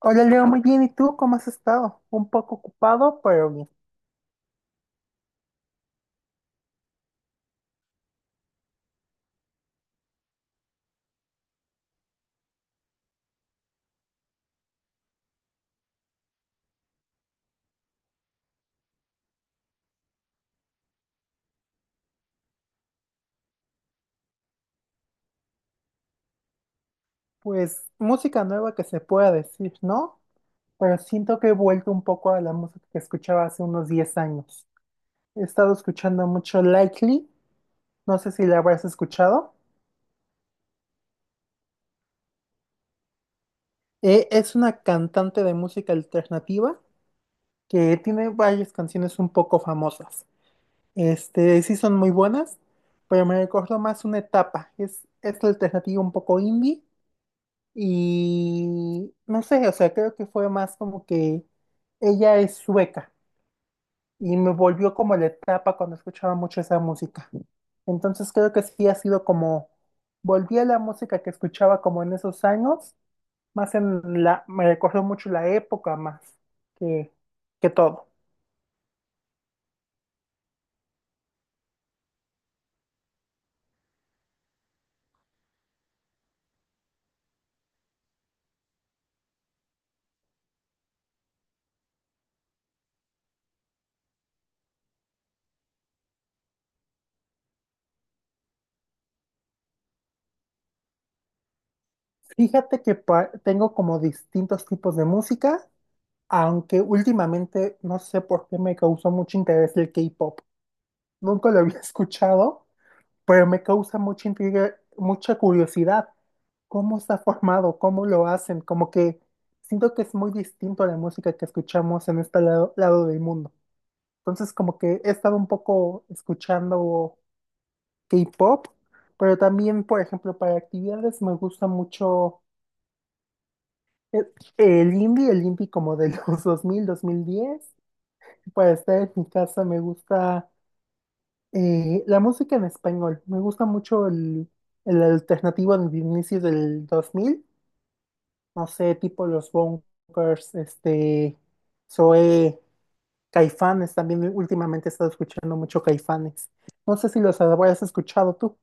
Hola Leo, muy bien. ¿Y tú cómo has estado? Un poco ocupado, pero bien. Pues música nueva que se pueda decir, ¿no? Pero siento que he vuelto un poco a la música que escuchaba hace unos 10 años. He estado escuchando mucho Likely, no sé si la habrás escuchado. Es una cantante de música alternativa que tiene varias canciones un poco famosas. Este, sí son muy buenas, pero me recuerdo más una etapa. Es alternativa un poco indie. Y no sé, o sea, creo que fue más como que ella es sueca y me volvió como la etapa cuando escuchaba mucho esa música. Entonces creo que sí ha sido como, volví a la música que escuchaba como en esos años, más en la, me recordó mucho la época más que, que todo. Fíjate que tengo como distintos tipos de música, aunque últimamente no sé por qué me causó mucho interés el K-pop. Nunca lo había escuchado, pero me causa mucha intriga, mucha curiosidad. ¿Cómo está formado? ¿Cómo lo hacen? Como que siento que es muy distinto a la música que escuchamos en este lado del mundo. Entonces, como que he estado un poco escuchando K-pop, pero también, por ejemplo, para actividades me gusta mucho el, el indie como de los 2000, 2010. Para estar en mi casa me gusta. La música en español. Me gusta mucho el alternativo de inicios del 2000. No sé, tipo los Bunkers, este, Zoé, Caifanes. También últimamente he estado escuchando mucho Caifanes. No sé si los habrás escuchado tú.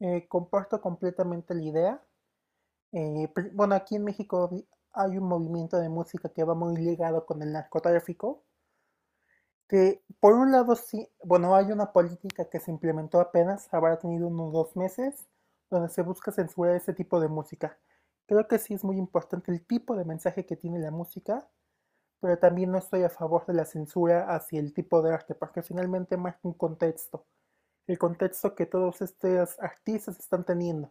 Comparto completamente la idea. Bueno, aquí en México hay un movimiento de música que va muy ligado con el narcotráfico, que por un lado sí, bueno, hay una política que se implementó apenas, habrá tenido unos 2 meses, donde se busca censurar ese tipo de música. Creo que sí es muy importante el tipo de mensaje que tiene la música, pero también no estoy a favor de la censura hacia el tipo de arte, porque finalmente marca un contexto, el contexto que todos estos artistas están teniendo,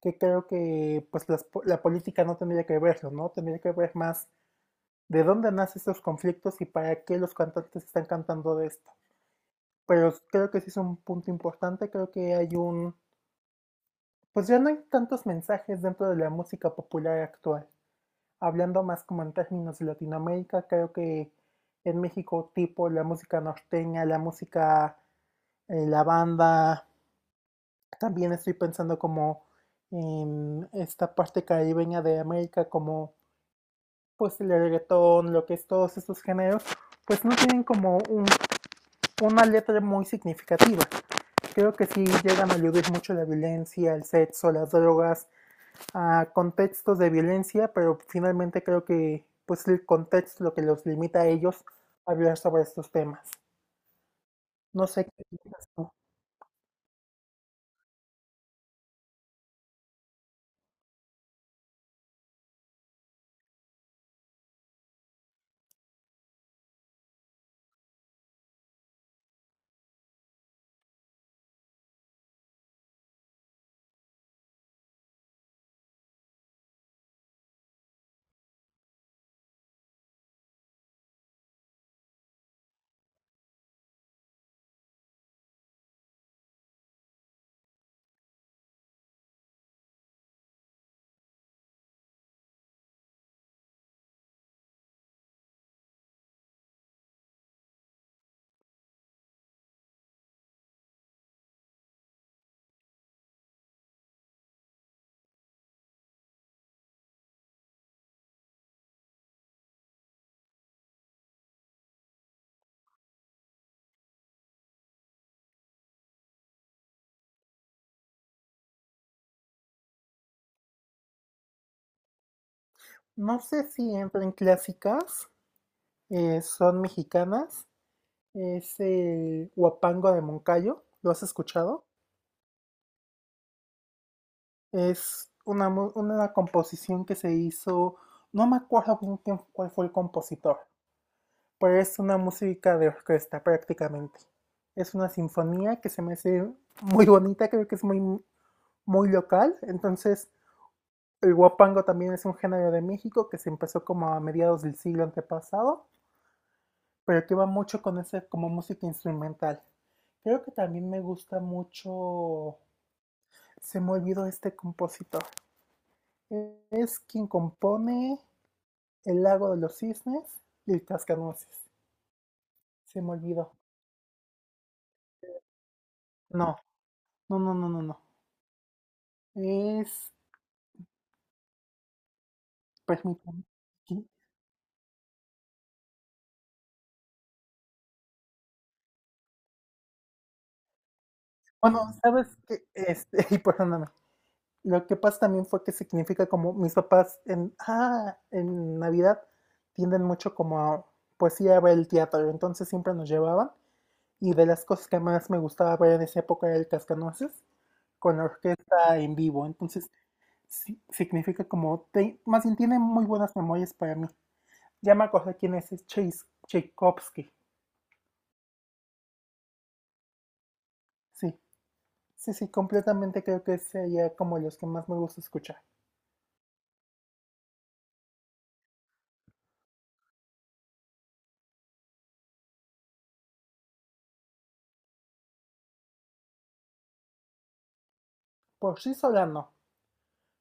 que creo que pues la política no tendría que verlo, ¿no? Tendría que ver más de dónde nacen estos conflictos y para qué los cantantes están cantando de esto, pero creo que sí es un punto importante. Creo que hay un, pues ya no hay tantos mensajes dentro de la música popular actual. Hablando más como en términos de Latinoamérica, creo que en México tipo la música norteña, la música, la banda, también estoy pensando como en esta parte caribeña de América, como pues el reggaetón, lo que es todos estos géneros, pues no tienen como una letra muy significativa. Creo que sí llegan a aludir mucho la violencia, el sexo, las drogas, a contextos de violencia, pero finalmente creo que pues el contexto es lo que los limita a ellos a hablar sobre estos temas. No sé qué piensas tú. No sé si entran clásicas, son mexicanas, es el Huapango de Moncayo, ¿lo has escuchado? Es una composición que se hizo, no me acuerdo bien cuál fue el compositor, pero es una música de orquesta prácticamente. Es una sinfonía que se me hace muy bonita, creo que es muy, muy local. Entonces, el guapango también es un género de México que se empezó como a mediados del siglo antepasado, pero que va mucho con ese como música instrumental. Creo que también me gusta mucho. Se me olvidó este compositor. Es quien compone El lago de los cisnes y el cascanueces. Se me olvidó. No, no, no, no, no, no. Es Permíteme, sí. Bueno, sabes que este, y perdóname. Lo que pasa también fue que significa como mis papás en Navidad tienden mucho como a, pues ir a ver el teatro, entonces siempre nos llevaban y de las cosas que más me gustaba ver en esa época era el Cascanueces con la orquesta en vivo. Entonces, sí, significa como, más bien tiene muy buenas memorias para mí. Ya me acordé quién es Tchaikovsky, sí. Sí, sí, completamente creo que sería como los que más me gusta escuchar. Por sí sola no.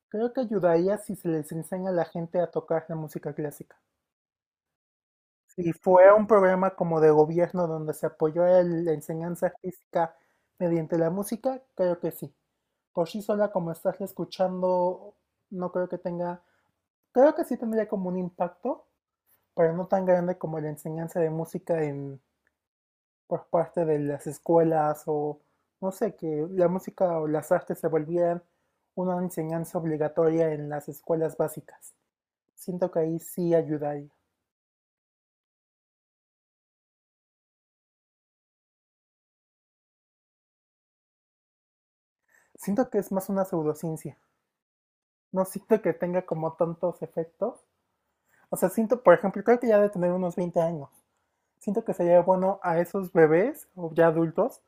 Creo que ayudaría si se les enseña a la gente a tocar la música clásica. Si fuera un programa como de gobierno donde se apoyó la enseñanza artística mediante la música, creo que sí. Por sí sola, como estás escuchando, no creo que tenga, creo que sí tendría como un impacto, pero no tan grande como la enseñanza de música en por parte de las escuelas o no sé, que la música o las artes se volvieran una enseñanza obligatoria en las escuelas básicas. Siento que ahí sí ayudaría. Siento que es más una pseudociencia. No siento que tenga como tantos efectos. O sea, siento, por ejemplo, creo que ya de tener unos 20 años. Siento que sería bueno a esos bebés o ya adultos,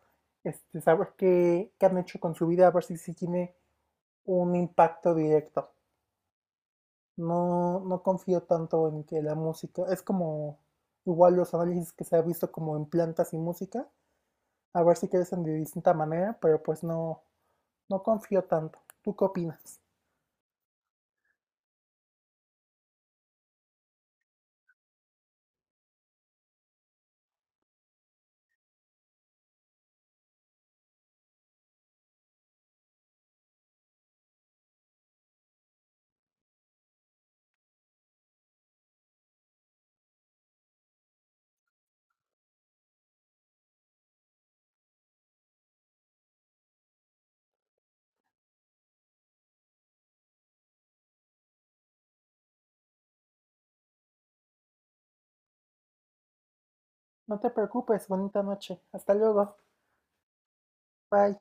este, saber qué han hecho con su vida, a ver si tiene un impacto directo. No, no confío tanto en que la música, es como igual los análisis que se ha visto como en plantas y música, a ver si crecen de distinta manera, pero pues no, no confío tanto. ¿Tú qué opinas? No te preocupes, bonita noche. Hasta luego. Bye.